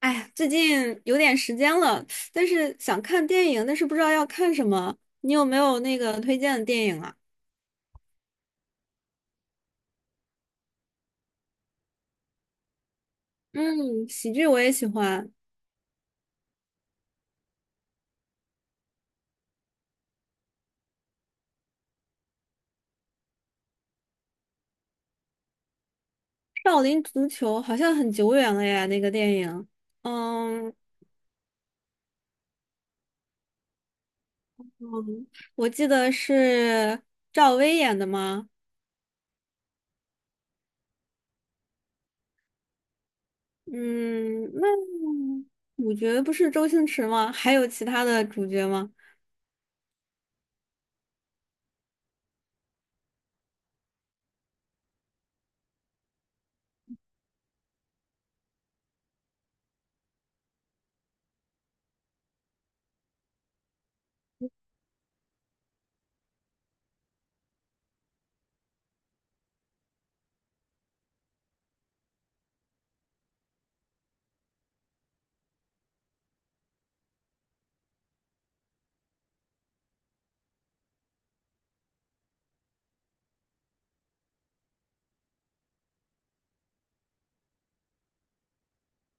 哎呀，最近有点时间了，但是想看电影，但是不知道要看什么。你有没有那个推荐的电影啊？嗯，喜剧我也喜欢，《少林足球》好像很久远了呀，那个电影。嗯嗯，我记得是赵薇演的吗？嗯，那主角不是周星驰吗？还有其他的主角吗？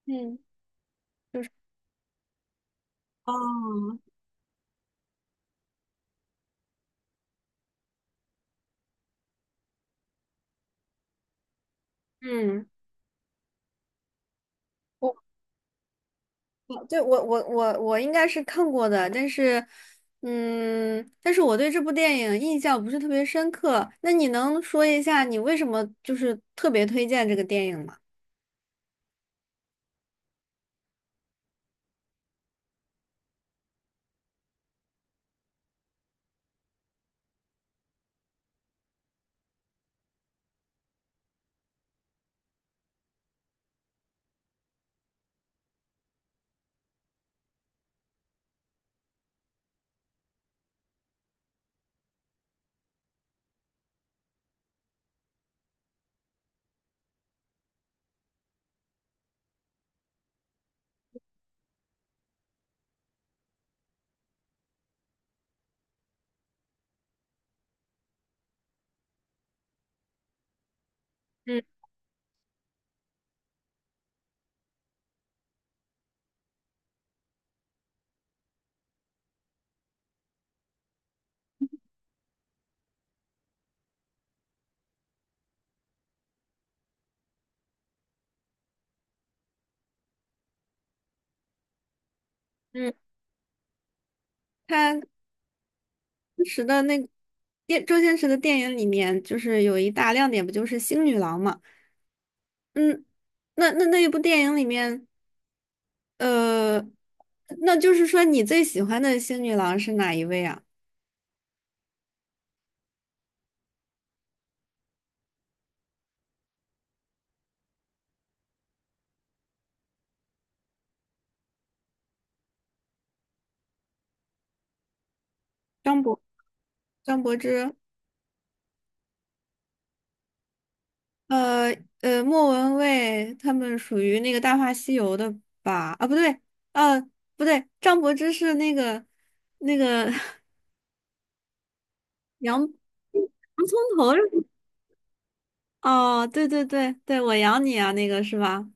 嗯，就是哦，嗯。对，我应该是看过的，但是，嗯，但是我对这部电影印象不是特别深刻。那你能说一下你为什么就是特别推荐这个电影吗？嗯嗯他当时的那个电周星驰的电影里面，就是有一大亮点，不就是星女郎吗？嗯，那那那一部电影里面，呃，那就是说你最喜欢的星女郎是哪一位啊？张柏张柏芝。呃莫文蔚他们属于那个《大话西游》的吧？啊，不对，呃，不对，张柏芝是那个那个 洋洋葱头是吧。哦，对对对对，我养你啊，那个是吧？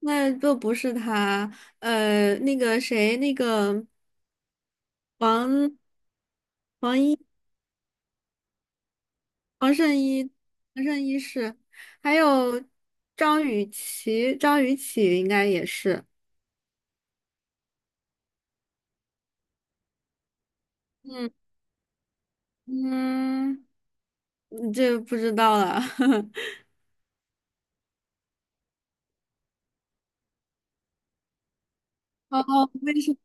那就不是他，呃，那个谁，那个王王一王圣一王圣一是，还有张雨绮，张雨绮应该也是，嗯嗯。这不知道了。哦哦，为什么？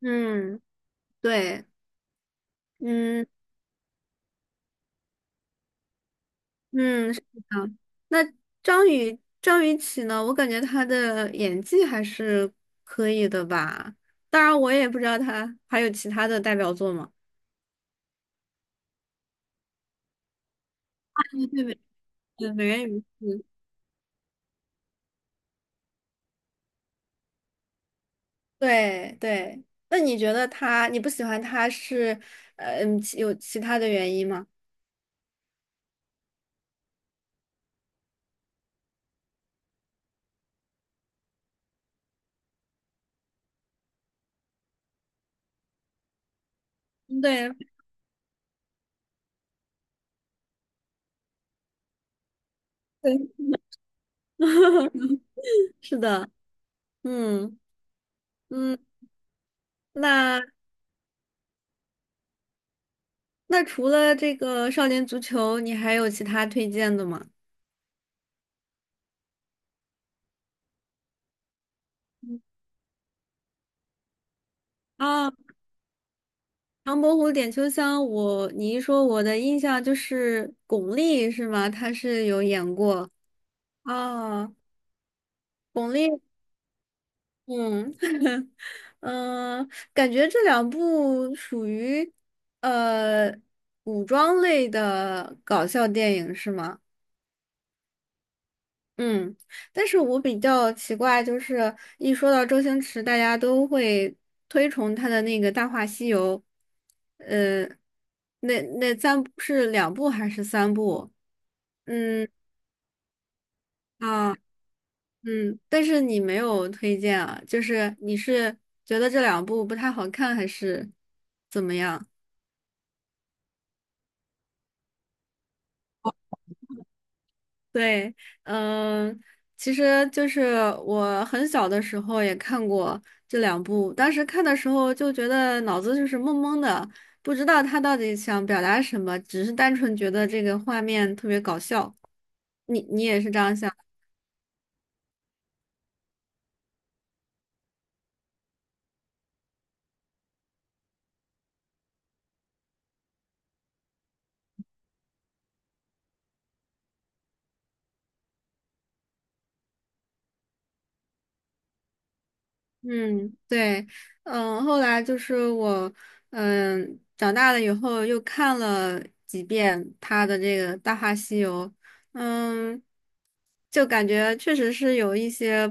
嗯，对，嗯嗯，是的。那张雨绮呢？我感觉他的演技还是可以的吧。当然，我也不知道他还有其他的代表作吗？对对对，呃美人鱼。嗯对对。那你觉得他？你不喜欢他是，其有其他的原因吗？嗯对对，是的，嗯嗯，那。那除了这个少年足球，你还有其他推荐的吗？啊，唐伯虎点秋香，我你一说，我的印象就是巩俐是吗？他是有演过啊，巩俐，嗯 嗯，感觉这两部属于呃古装类的搞笑电影是吗？嗯，但是我比较奇怪，就是一说到周星驰，大家都会推崇他的那个《大话西游》，呃，那那三部是两部还是三部？嗯啊嗯，但是你没有推荐啊，就是你是觉得这两部不太好看，还是怎么样？对，嗯，其实就是我很小的时候也看过这两部，当时看的时候就觉得脑子就是懵懵的，不知道他到底想表达什么，只是单纯觉得这个画面特别搞笑。你你也是这样想？嗯，对，嗯，后来就是我，嗯，长大了以后又看了几遍他的这个《大话西游》，嗯，就感觉确实是有一些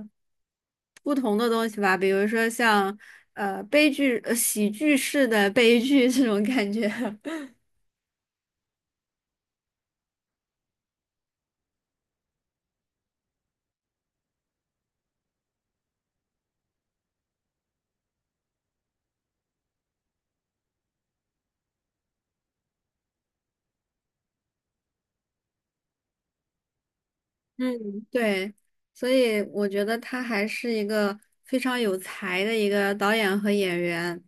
不同的东西吧，比如说像悲剧、喜剧式的悲剧这种感觉。嗯，对，所以我觉得他还是一个非常有才的一个导演和演员。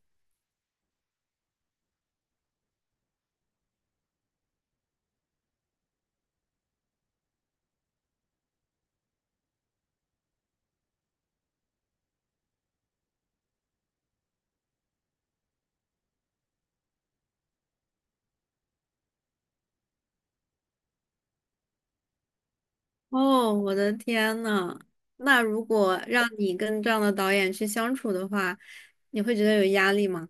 哦，我的天呐！那如果让你跟这样的导演去相处的话，你会觉得有压力吗？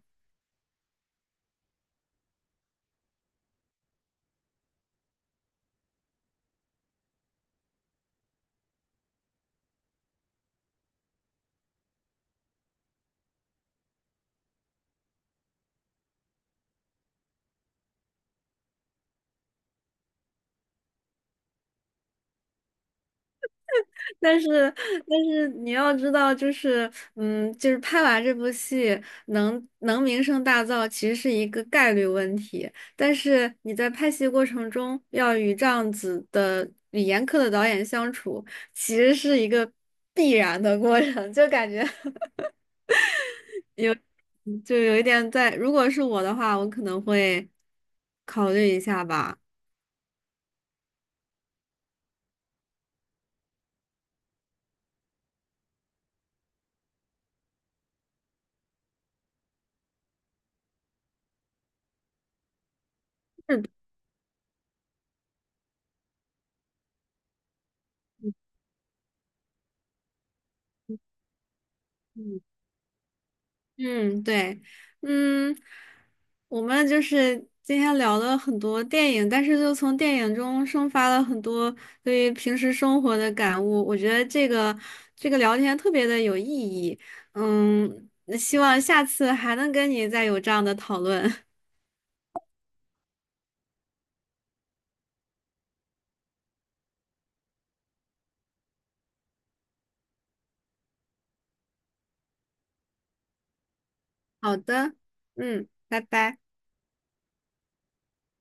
但是，但是你要知道，就是，嗯，就是拍完这部戏能名声大噪，其实是一个概率问题。但是你在拍戏过程中要与这样子的语严苛的导演相处，其实是一个必然的过程，就感觉 就有一点在，如果是我的话，我可能会考虑一下吧。是的嗯，嗯，对，嗯，我们就是今天聊了很多电影，但是就从电影中生发了很多对于平时生活的感悟。我觉得这个聊天特别的有意义。嗯，那希望下次还能跟你再有这样的讨论。好的，嗯，拜拜。